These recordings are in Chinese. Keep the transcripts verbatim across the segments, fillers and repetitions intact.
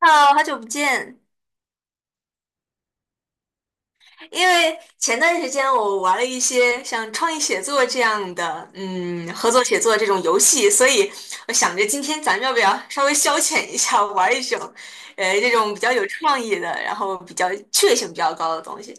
哈喽，好久不见。因为前段时间我玩了一些像创意写作这样的，嗯，合作写作这种游戏，所以我想着今天咱们要不要稍微消遣一下，玩一种，呃，这种比较有创意的，然后比较趣味性比较高的东西。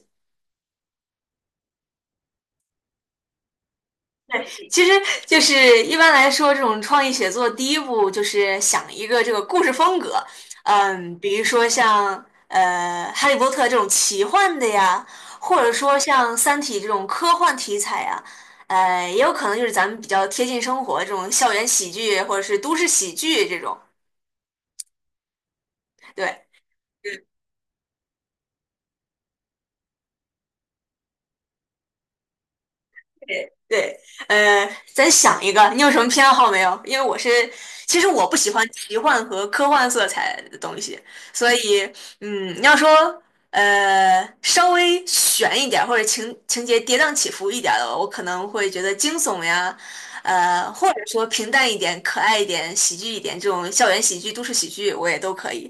其实就是一般来说，这种创意写作第一步就是想一个这个故事风格，嗯，比如说像呃《哈利波特》这种奇幻的呀，或者说像《三体》这种科幻题材呀。呃，也有可能就是咱们比较贴近生活这种校园喜剧或者是都市喜剧这种。对。对，呃，咱想一个，你有什么偏好没有？因为我是，其实我不喜欢奇幻和科幻色彩的东西，所以，嗯，你要说，呃，稍微悬一点儿或者情情节跌宕起伏一点儿的，我可能会觉得惊悚呀。呃，或者说平淡一点、可爱一点、喜剧一点这种校园喜剧、都市喜剧，我也都可以。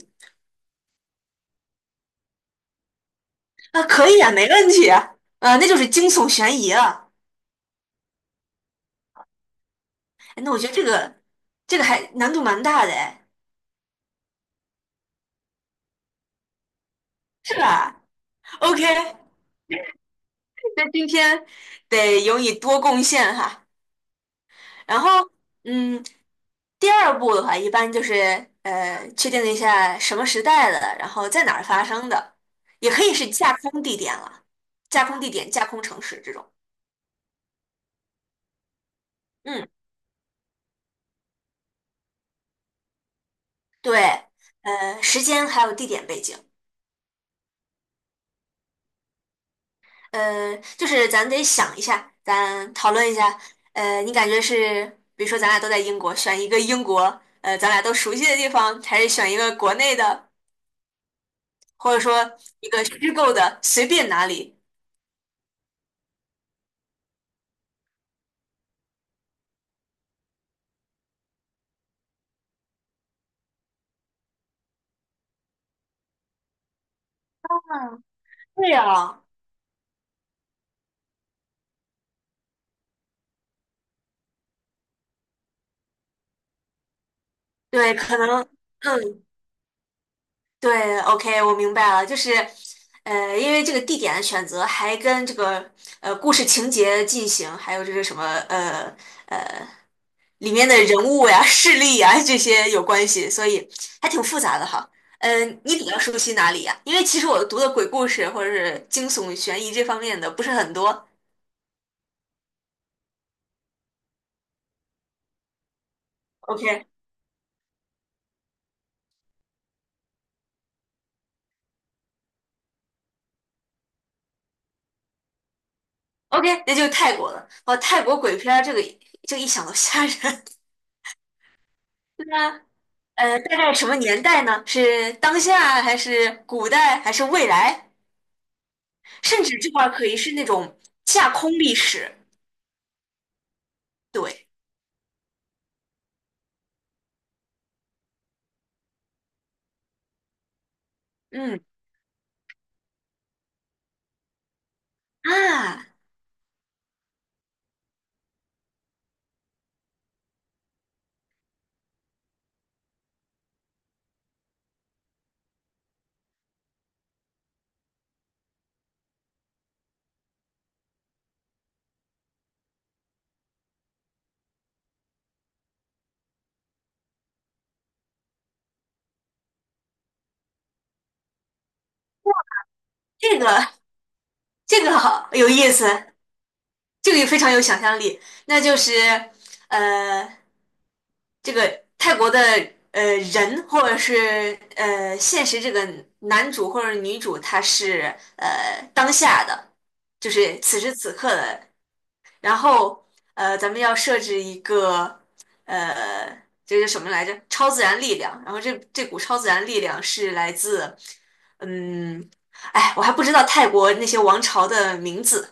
啊，可以啊，没问题啊。呃，那就是惊悚悬疑了。哎，那我觉得这个这个还难度蛮大的哎。是吧？OK,那今天得由你多贡献哈。然后，嗯，第二步的话，一般就是呃，确定一下什么时代的，然后在哪儿发生的，也可以是架空地点了，架空地点、架空城市这种。嗯，对，呃，时间还有地点背景。呃，就是咱得想一下，咱讨论一下。呃，你感觉是，比如说咱俩都在英国，选一个英国，呃，咱俩都熟悉的地方，还是选一个国内的？或者说一个虚构的，随便哪里。嗯，对啊，对，可能，嗯，对，OK,我明白了，就是，呃，因为这个地点的选择还跟这个呃故事情节进行，还有这个什么呃呃里面的人物呀、势力呀这些有关系，所以还挺复杂的哈。嗯、你比较熟悉哪里呀？因为其实我读的鬼故事或者是惊悚、悬疑这方面的不是很多。OK。OK,那就是泰国了。哇，泰国鬼片儿这个就一想到吓人。对啊。呃，大概什么年代呢？是当下还是古代还是未来？甚至这块儿可以是那种架空历史。对，嗯，啊，这个这个好有意思，这个也非常有想象力。那就是呃，这个泰国的呃人或者是呃现实这个男主或者女主，他是呃当下的，就是此时此刻的。然后呃，咱们要设置一个呃，这是什么来着？超自然力量。然后这这股超自然力量是来自嗯，哎，我还不知道泰国那些王朝的名字。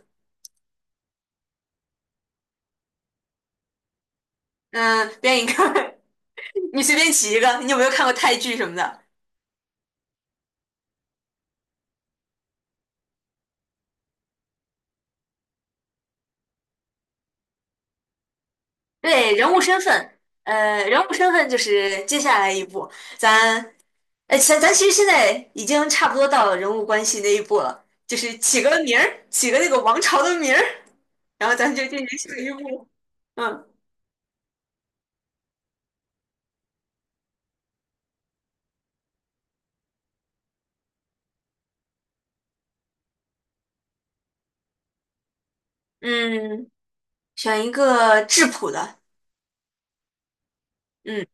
嗯、编一个，你随便起一个。你有没有看过泰剧什么的？对，人物身份，呃，人物身份就是接下来一步，咱，呃，咱咱其实现在已经差不多到了人物关系那一步了，就是起个名儿，起个那个王朝的名儿，然后咱就进行下一步。嗯嗯，选一个质朴的，嗯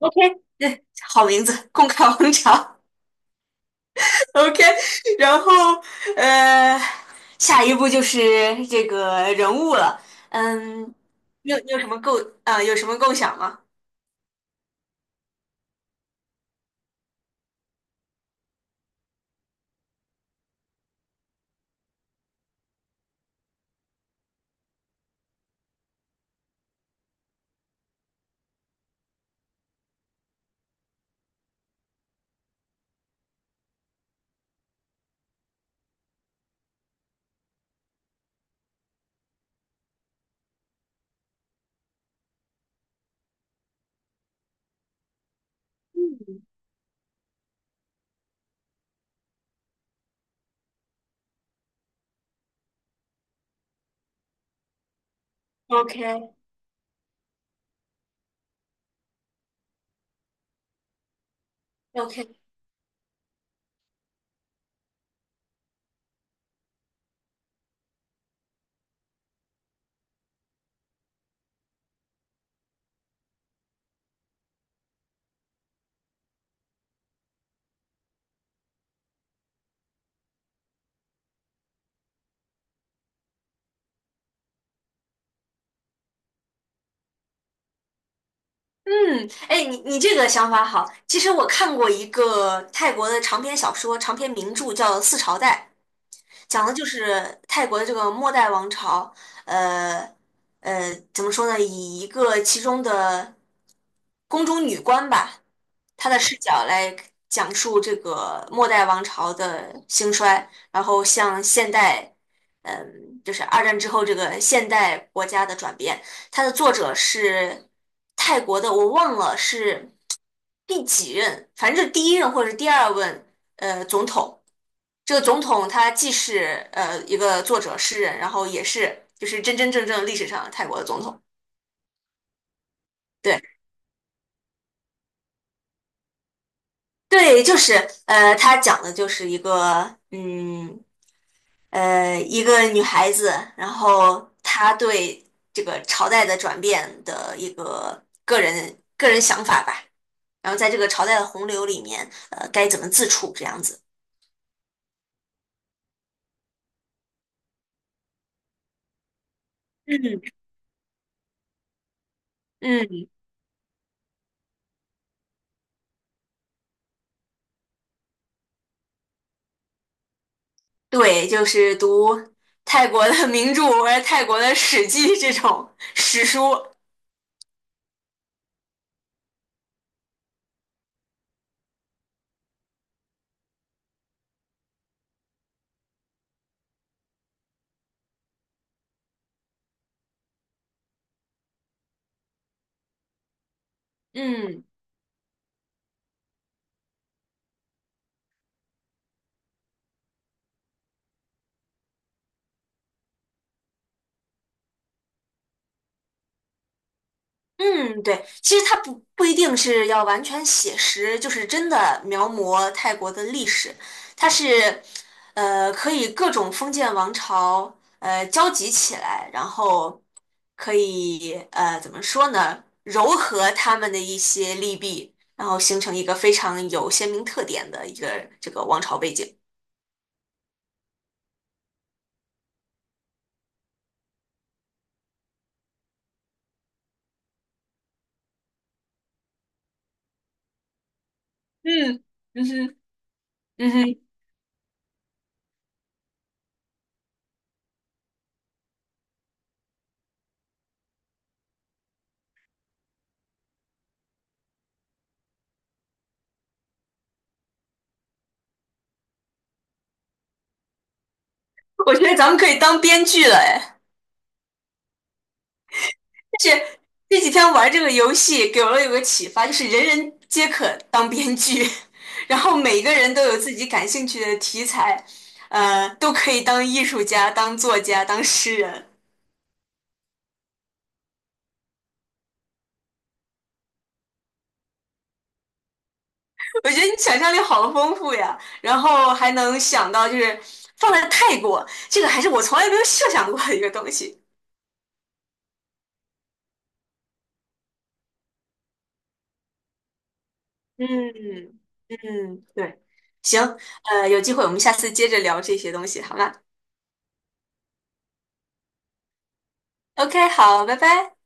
，OK,对，好名字，共开王朝。 ，OK,然后呃，下一步就是这个人物了，嗯，你有你有什么构啊、有什么构想吗OK OK，嗯，哎，你你这个想法好。其实我看过一个泰国的长篇小说，长篇名著叫《四朝代》，讲的就是泰国的这个末代王朝。呃呃，怎么说呢？以一个其中的宫中女官吧，她的视角来讲述这个末代王朝的兴衰，然后向现代，嗯，就是二战之后这个现代国家的转变。它的作者是泰国的，我忘了是第几任，反正就是第一任或者是第二任呃总统。这个总统他既是呃一个作者诗人，然后也是就是真真正正历史上泰国的总统。对对，就是呃，他讲的就是一个嗯呃一个女孩子，然后她对这个朝代的转变的一个个人个人想法吧。然后在这个朝代的洪流里面，呃，该怎么自处这样子。嗯嗯，对，就是读泰国的名著或者泰国的史记这种史书。嗯。嗯，对，其实它不不一定是要完全写实，就是真的描摹泰国的历史，它是，呃，可以各种封建王朝呃交集起来，然后可以呃怎么说呢，糅合他们的一些利弊，然后形成一个非常有鲜明特点的一个这个王朝背景。嗯，嗯哼，嗯哼，我觉得咱们可以当编剧了，哎。这这几天玩这个游戏给了我有个启发，就是人人皆可当编剧，然后每个人都有自己感兴趣的题材，呃，都可以当艺术家、当作家、当诗人。我觉得你想象力好丰富呀，然后还能想到就是放在泰国，这个还是我从来没有设想过的一个东西。嗯嗯，对，行，呃，有机会我们下次接着聊这些东西，好吗？OK,好，拜拜。